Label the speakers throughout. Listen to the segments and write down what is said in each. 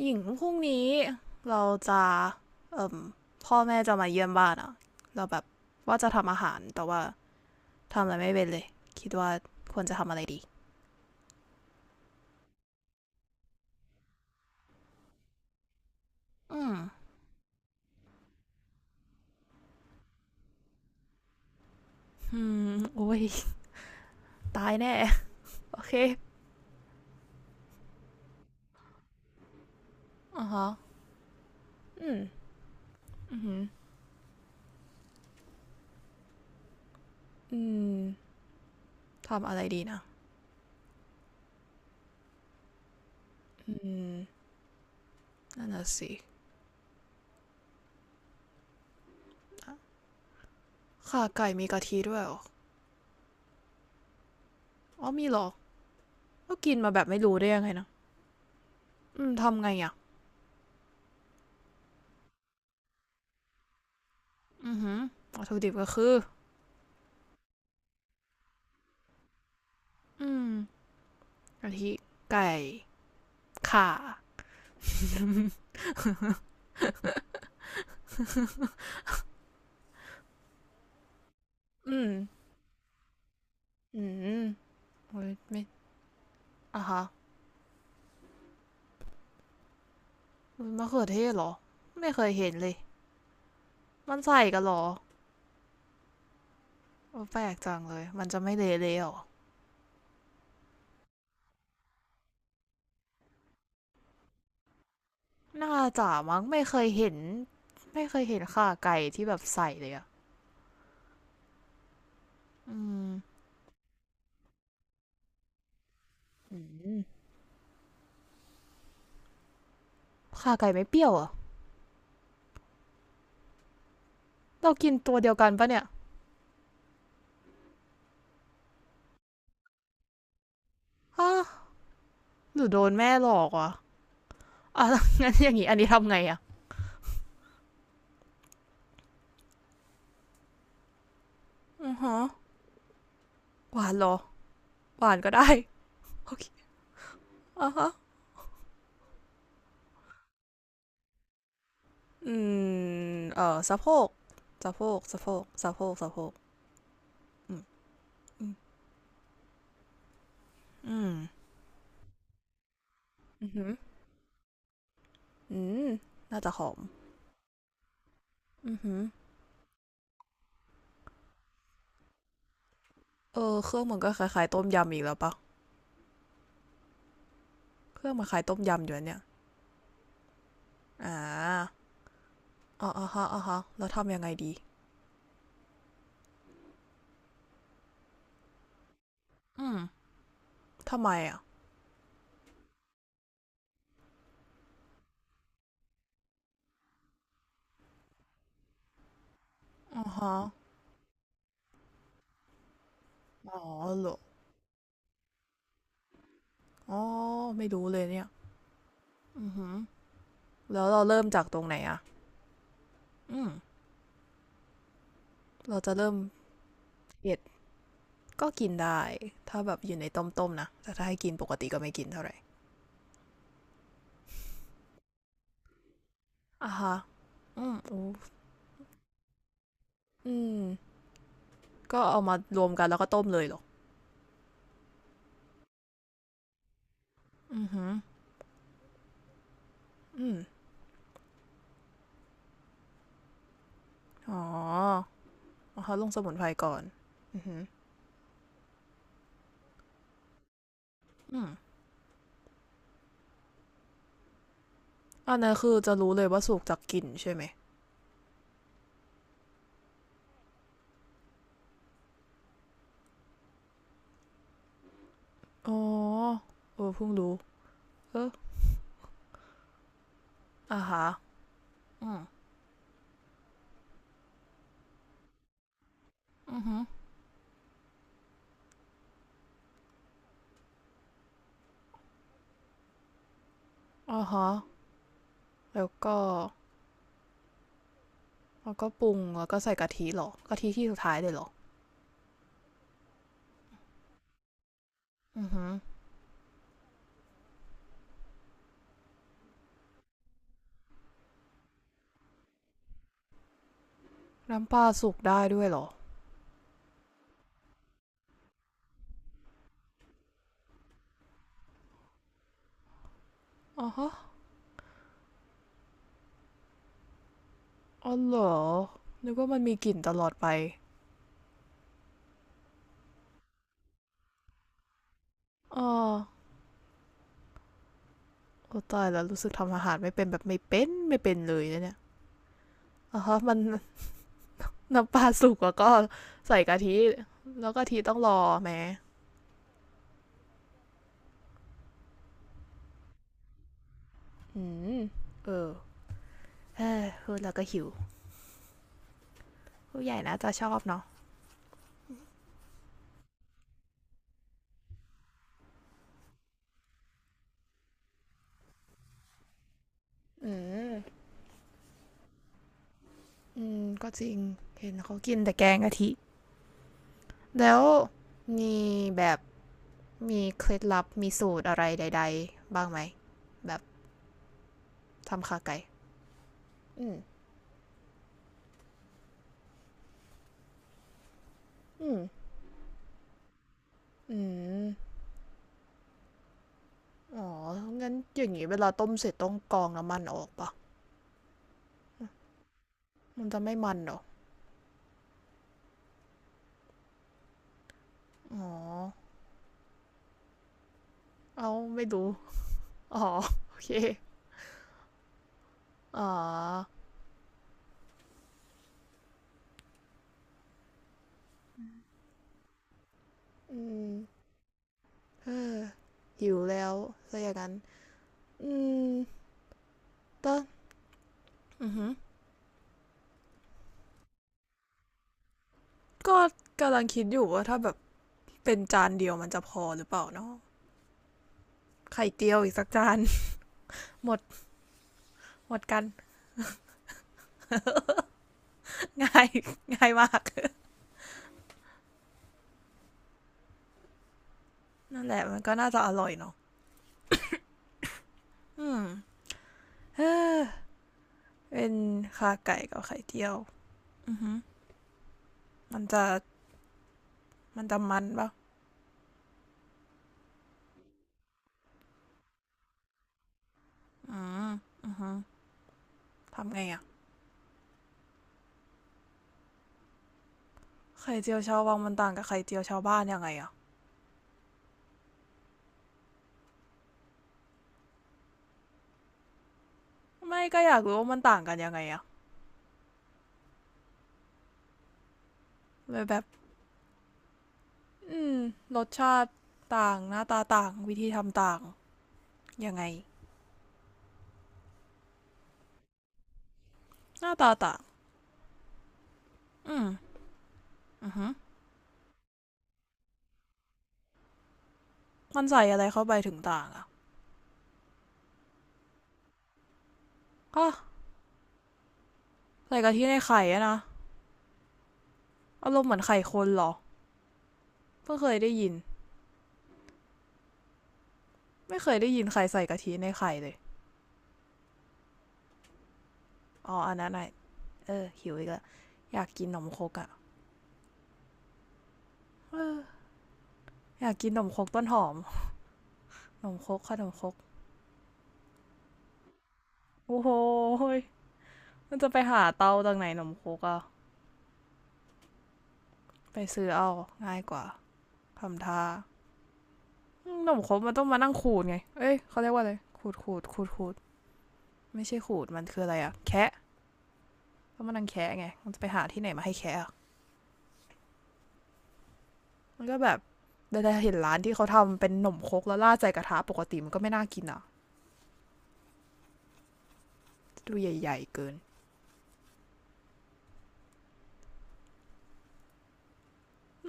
Speaker 1: หญิงพรุ่งนี้เราจะเอ่มพ่อแม่จะมาเยี่ยมบ้านอะเราแบบว่าจะทำอาหารแต่ว่าทำอะไรไม่เป็นเลยคิดว่าควรจะทำอะไรดีอืมอืมโอ้ยตายแน่โอเคอ่ะฮะอืมอืมอืมทำอะไรดีนะอืมนั่นน่ะสิข่าไก่มีกะทิด้วยเหรออ๋อมีเหรอก็กินมาแบบไม่รู้ได้ยังไงนะอืมทำไงอ่ะอือหือวัตถุดิบก็คืออืมกะทิไก่ข่า อืมอืมโอ้ยไม่อ่ะฮะมันมะเขือเทศเหรอ ไม่เคยเห็นเลย มันใส่กันเหรอโอ้แปลกจังเลย มันจะไม่เละเลยเหรอน่าจะมั้งไม่เคยเห็น ไม่เคยเห็นข่าไก่ที่แบบใส่เลยอะอืมอืมข่าไก่ไม่เปรี้ยวเหรอ่ะ เรากินตัวเดียวกันปะเนี่ยฮะหรือโดนแม่หลอกวะอ่ะแ้วงั้นอย่างงี้อันนี้ทำไงอ่ะอือฮะหวานเหรอ หวานก็ได้โอเคอ่ะฮะ อืมสะโพกสะโพกสะโพกสะโพกสะโพกอืมอืม อืมอือหืออืมน่าจะหอมอือหือเออเครื่องมันก็คล้ายๆต้มยำอีกแล้วปะเครื่องมันคล้ายต้มยำอยู่นะเนี่ยอ่าอ๋ออ๋อฮะอ๋อฮะแล้วทำยังไงดีอืมทำไมอ่ะอ๋อฮะอ๋อเหรออ๋อไม่รู้เลยเนี่ยอือหือแล้วเราเริ่มจากตรงไหนอ่ะอืมเราจะเริ่มเผ็ดก็กินได้ถ้าแบบอยู่ในต้มๆนะแต่ถ้าให้กินปกติก็ไม่กินเท่าไหร่ อ่ะฮะอืมโอ้อืม ก็เอามารวมกันแล้วก็ต้มเลยเหรอ อือหืออืม อ๋อเอาเขาลงสมุนไพรก่อน อือหืออืมอันนั้นคือจะรู้เลยว่าสุกจากกลิ่นใช่ไหมอ๋อเออเพิ่งรู้เอออ่ะฮะอืม อือหืออ่ะฮะแล้วก็แล้วก็ปรุงแล้วก็ใส่กะทิเหรอกะทิที่สุดท้ายเลยเหรออือหือน้ำปลาสุกได้ด้วยเหรออ๋อฮะอ๋อเหรอนึกว่ามันมีกลิ่นตลอดไปอ๋อ โอ้ตายแล้วรู้สึกทำอาหารไม่เป็นแบบไม่เป็นไม่เป็นเลยนะเนี่ยอ๋อมันน้ำปลาสุกแล้วก็ใส่กะทิแล้วกะทิต้องรอแหมอืมเออเออพูดแล้วก็หิวผู้ใหญ่น่าจะชอบเนาะอืม อืม ก็จริง เห็นเขากินแต่แกงกะทิ แล้วมีแบบมีเคล็ดลับมีสูตรอะไรใดๆบ้างไหม แบบทำขาไก่อืมอืมอืม อ๋องั้นอย่างนี้เวลาต้มเสร็จต้องกรองน้ำมันออกปะ มันจะไม่มันเหรอ อ๋อ เอาไม่ดู อ๋อ โอเค อ๋อ อืมเออหิวแล้วซะอย่างนั้นอืมต็อือหืก็กำลังคิดอยู่ว่าถ้าแบบเป็นจานเดียวมันจะพอหรือเปล่าเนาะไข่เจียวอีกสักจาน หมด หมดกัน ง่าย ง่ายมาก นั่นแหละมันก็น่าจะอร่อยเนาะอืมเออเป็นขาไก่กับไข่เจียวอือหึมันจะมันปะอืมอือหึทำไงอะ ไข่เจียวชาววังมันต่างกับไข่เจียวชาวบ้านยังไงอะไม่ก็อยากรู้ว่ามันต่างกันยังไงอะเลยแบบอืมรสชาติต่างหน้าตาต่างวิธีทำต่างยังไงหน้าตาต่างอืมอือฮึมันใส่อะไรเข้าไปถึงต่างอะก็ใส่กะทิในไข่อะนะอารมณ์เหมือนไข่คนเหรอเพิ่งเคยได้ยินไม่เคยได้ยินใครใส่กะทิในไข่เลยอ๋ออันนั้นไงเออหิวอีกแล้วอยากกินขนมครกอะอยากกินขนมครกต้นหอมขนมครกขนมครกโอ้โหย มันจะไปหาเตาจากไหนหนมโคกอะไปซื้อเอาง่ายกว่าทำท่าหนมโคกมันต้องมานั่งขูดไงเอ้ยเขาเรียกว่าอะไรขูดขูดขูดขูดไม่ใช่ขูดมันคืออะไรอะแคะต้องมานนั่งแคะไงมันจะไปหาที่ไหนมาให้แคะอะมันก็แบบได้เห็นร้านที่เขาทำเป็นหนมโคกแล้วราดใส่กระทะปกติมันก็ไม่น่ากินอะดูใหญ่ๆเกิน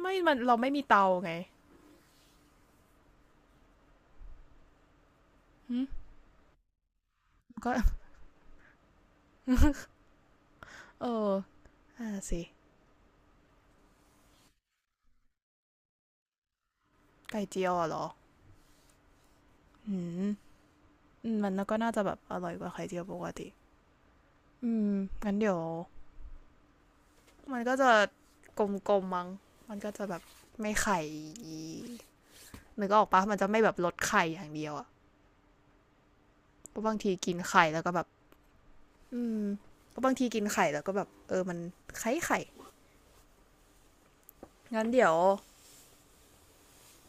Speaker 1: ไม่มันเราไม่มีเตาไงก็ เออน่ะสิไก่เจียวอะเหรออืมมันแล้วก็น่าจะแบบอร่อยกว่าไข่เจียวปกติ อืมงั้นเดี๋ยวมันก็จะกลมๆมั้งมันก็จะแบบไม่ไข่นึกออกปะมันจะไม่แบบลดไข่อย่างเดียวอะเพราะบางทีกินไข่แล้วก็แบบอืมเพราะบางทีกินไข่แล้วก็แบบเออมันไข่ไข่งั้นเดี๋ยว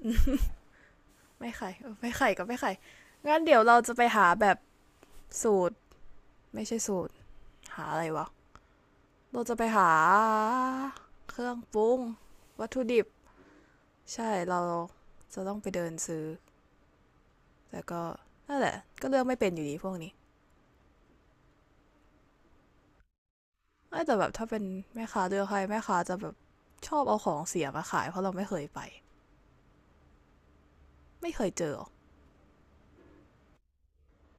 Speaker 1: ไม่ไข่เออไม่ไข่ก็ไม่ไข่งั้นเดี๋ยวเราจะไปหาแบบสูตรไม่ใช่สูตรหาอะไรวะเราจะไปหาเครื่องปรุงวัตถุดิบใช่เราจะต้องไปเดินซื้อ แต่ก็นั่นแหละก็เลือกไม่เป็นอยู่ดีพวกนี้แต่แบบถ้าเป็นแม่ค้าเลือกใครแม่ค้าจะแบบชอบเอาของเสียมาขายเพราะเราไม่เคยไปไม่เคยเจอ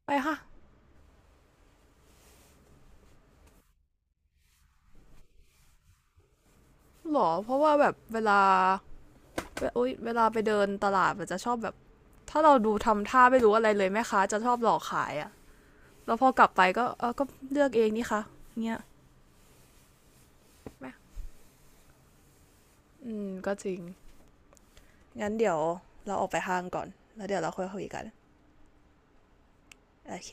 Speaker 1: ไปค่ะหรอเพราะว่าแบบเวลาเวลาไปเดินตลาดมันจะชอบแบบถ้าเราดูทำท่าไม่รู้อะไรเลยแม่ค้าจะชอบหลอกขายอะแล้วพอกลับไปก็เออก็เลือกเองนี่คะเงี้ยแม่อืมก็จริงงั้นเดี๋ยวเราออกไปห้างก่อนแล้วเดี๋ยวเราค่อยคุยกันโอเค